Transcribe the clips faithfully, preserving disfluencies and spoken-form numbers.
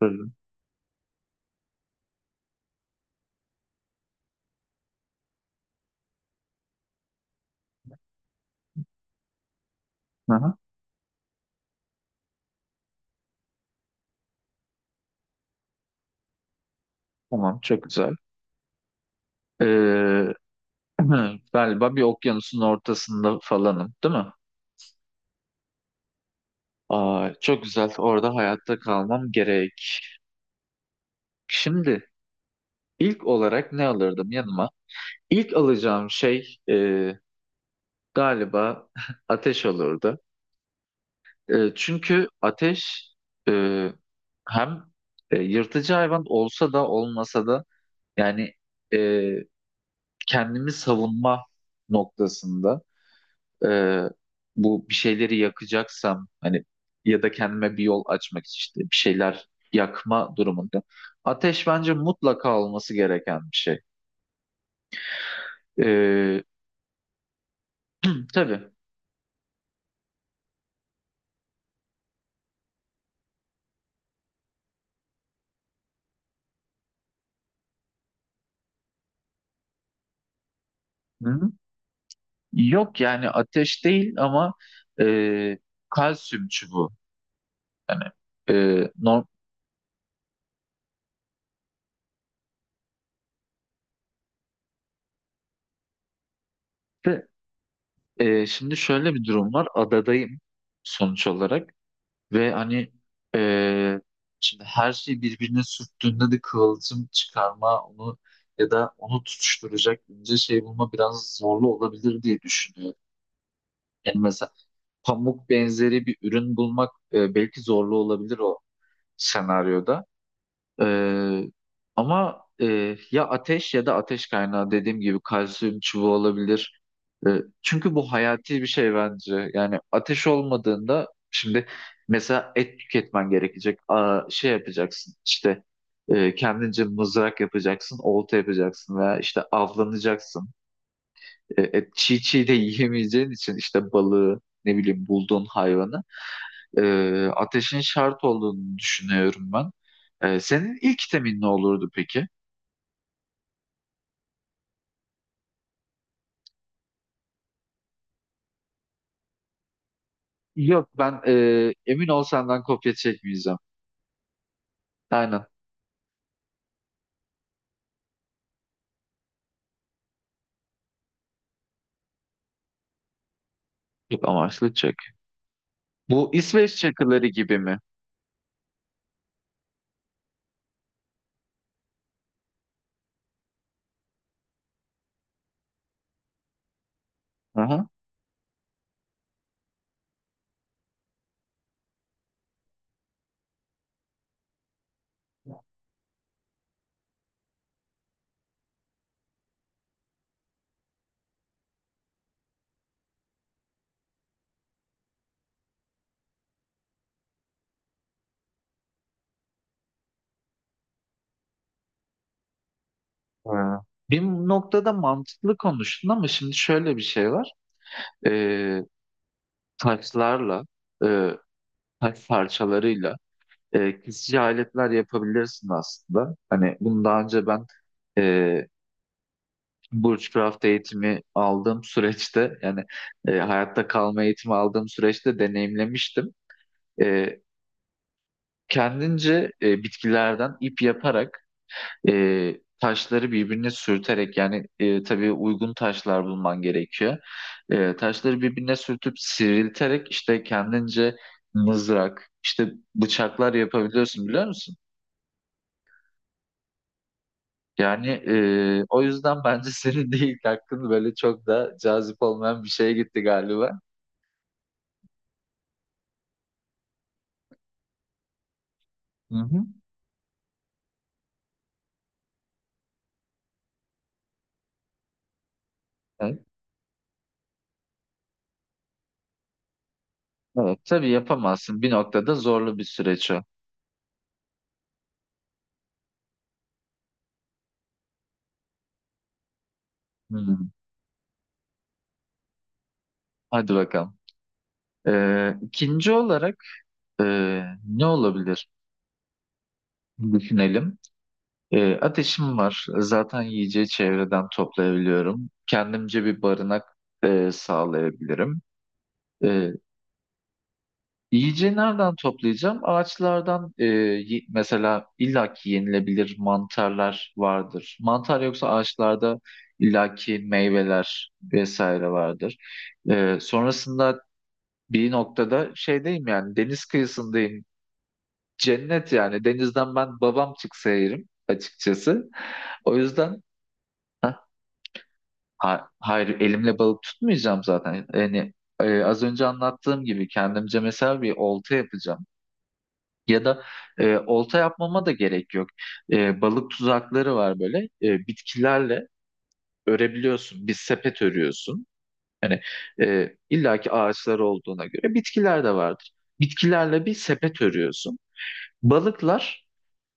Bölüm. Hı hı. Tamam, çok güzel. Ee, galiba bir okyanusun ortasında falanım, değil mi? Aa, çok güzel, orada hayatta kalmam gerek. Şimdi ilk olarak ne alırdım yanıma? İlk alacağım şey e, galiba ateş olurdu. E, çünkü ateş e, hem e, yırtıcı hayvan olsa da olmasa da yani e, kendimi savunma noktasında. e, Bu, bir şeyleri yakacaksam hani ya da kendime bir yol açmak için işte bir şeyler yakma durumunda ateş bence mutlaka olması gereken bir şey. E, tabii. Hı? hı. Yok, yani ateş değil ama e, kalsiyum çubuğu. Hani e, normalde e, şimdi şöyle bir durum var. Adadayım sonuç olarak. Ve hani eee, şimdi her şey birbirine sürttüğünde de kıvılcım çıkarma onu ya da onu tutuşturacak ince şey bulma biraz zorlu olabilir diye düşünüyorum. Yani mesela pamuk benzeri bir ürün bulmak e, belki zorlu olabilir o senaryoda. Ee, Ama e, ya ateş ya da ateş kaynağı dediğim gibi kalsiyum çubuğu olabilir. Ee, Çünkü bu hayati bir şey bence. Yani ateş olmadığında şimdi mesela et tüketmen gerekecek. Aa, şey yapacaksın, işte e, kendince mızrak yapacaksın, olta yapacaksın veya işte avlanacaksın. E, et çiğ çiğ de yiyemeyeceğin için işte balığı, ne bileyim, bulduğun hayvanı e, ateşin şart olduğunu düşünüyorum ben. E, senin ilk temin ne olurdu peki? Yok, ben e, emin ol, senden kopya çekmeyeceğim. Aynen. Çek amaçlı çek. Bu İsveç çakıları gibi mi? Hı hı. Ha. Bir noktada mantıklı konuştun ama şimdi şöyle bir şey var. E, Taşlarla, e, taş parçalarıyla e, kesici aletler yapabilirsin aslında. Hani bunu daha önce ben e, Bushcraft eğitimi aldığım süreçte, yani e, hayatta kalma eğitimi aldığım süreçte deneyimlemiştim. E, Kendince e, bitkilerden ip yaparak e, taşları birbirine sürterek, yani e, tabii uygun taşlar bulman gerekiyor. E, taşları birbirine sürtüp sivrilterek işte kendince mızrak, işte bıçaklar yapabiliyorsun, biliyor musun? Yani e, o yüzden bence senin de ilk hakkın böyle çok da cazip olmayan bir şeye gitti galiba. Hı hı. Evet, evet. Tabii yapamazsın. Bir noktada zorlu bir süreç o. Hmm, hadi bakalım. Ee, ikinci olarak e, ne olabilir? Düşünelim. Ee, ateşim var. Zaten yiyeceği çevreden toplayabiliyorum. Kendimce bir barınak e, sağlayabilirim. Ee, Yiyeceği nereden toplayacağım? Ağaçlardan e, ye- mesela illaki yenilebilir mantarlar vardır. Mantar yoksa ağaçlarda illaki meyveler vesaire vardır. E, sonrasında bir noktada şeydeyim, yani deniz kıyısındayım. Cennet yani, denizden ben babam çıksa yerim açıkçası. O yüzden hah, ha- hayır, elimle balık tutmayacağım zaten. Yani e, az önce anlattığım gibi kendimce mesela bir olta yapacağım. Ya da e, olta yapmama da gerek yok. E, balık tuzakları var böyle. E, bitkilerle örebiliyorsun. Bir sepet örüyorsun. Hani e, illaki ağaçlar olduğuna göre bitkiler de vardır. Bitkilerle bir sepet örüyorsun. Balıklar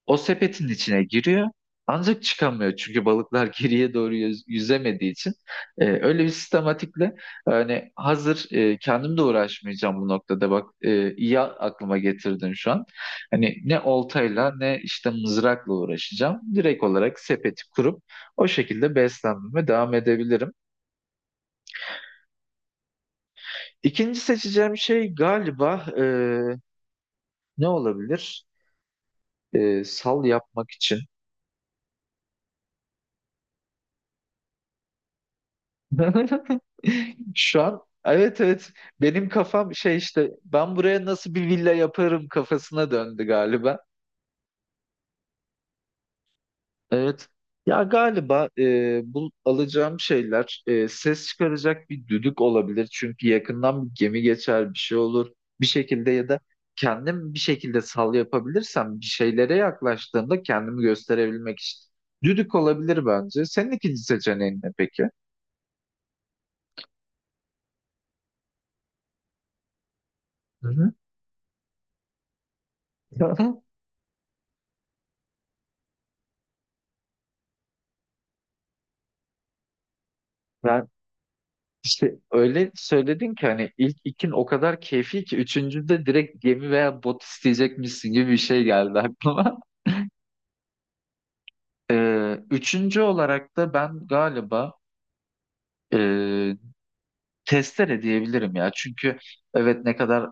o sepetin içine giriyor, ancak çıkamıyor. Çünkü balıklar geriye doğru yüz- yüzemediği için. E, öyle bir sistematikle, hani hazır, e, kendim de uğraşmayacağım bu noktada, bak, e, iyi aklıma getirdin şu an. Hani ne oltayla ne işte mızrakla uğraşacağım. Direkt olarak sepeti kurup o şekilde beslenmeme devam edebilirim. İkinci seçeceğim şey galiba e, ne olabilir? E, sal yapmak için. Şu an evet, evet, benim kafam şey işte, ben buraya nasıl bir villa yaparım kafasına döndü galiba. Evet. Ya galiba e, bu alacağım şeyler, e, ses çıkaracak bir düdük olabilir. Çünkü yakından bir gemi geçer, bir şey olur. Bir şekilde ya da kendim bir şekilde sal yapabilirsem bir şeylere yaklaştığımda kendimi gösterebilmek için. Düdük olabilir bence. Senin ikinci seçeneğin ne peki? Hı hı. Yani İşte öyle söyledin ki, hani ilk ikin o kadar keyfi ki üçüncüde direkt gemi veya bot isteyecekmişsin gibi bir şey geldi aklıma. Ee, üçüncü olarak da ben galiba e, testere diyebilirim ya. Çünkü evet, ne kadar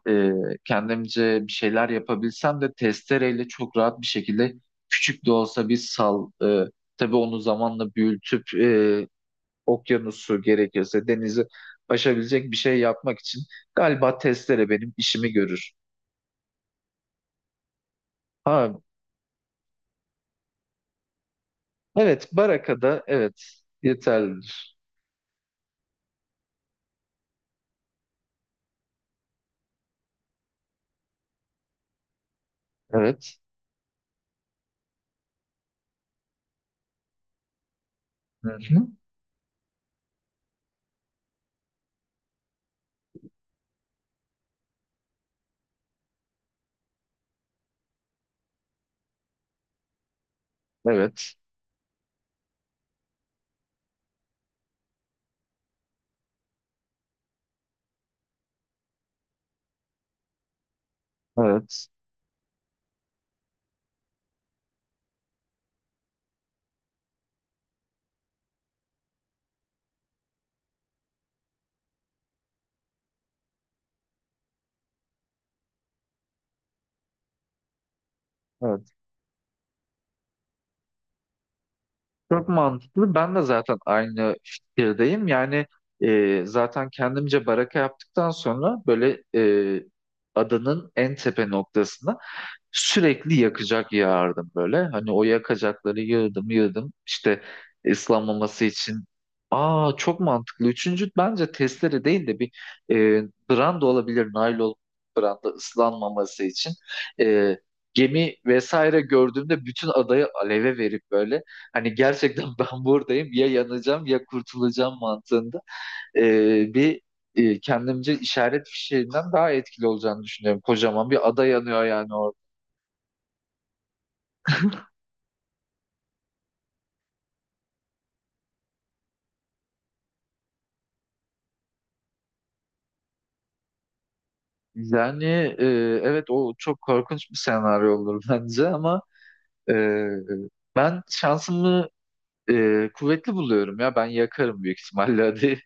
e, kendimce bir şeyler yapabilsem de testereyle çok rahat bir şekilde küçük de olsa bir sal. E, tabii onu zamanla büyütüp e, okyanusu, gerekirse denizi aşabilecek bir şey yapmak için galiba testere benim işimi görür. Ha, evet, Baraka'da evet, yeterlidir. Evet. Hı hı. Evet. Evet. Evet. Çok mantıklı. Ben de zaten aynı fikirdeyim. Yani e, zaten kendimce baraka yaptıktan sonra böyle e, adanın en tepe noktasına sürekli yakacak yağardım böyle. Hani o yakacakları yığdım yığdım. İşte ıslanmaması için. Aa, çok mantıklı. Üçüncü bence testere değil de bir e, branda olabilir. Naylon branda, ıslanmaması için. E, Gemi vesaire gördüğümde bütün adayı aleve verip böyle hani gerçekten ben buradayım, ya yanacağım ya kurtulacağım mantığında e, bir e, kendimce işaret fişeğinden daha etkili olacağını düşünüyorum. Kocaman bir ada yanıyor yani. Yani e, evet, o çok korkunç bir senaryo olur bence, ama e, ben şansımı e, kuvvetli buluyorum ya, ben yakarım büyük ihtimalle. Hadi,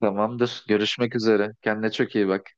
tamamdır, görüşmek üzere, kendine çok iyi bak.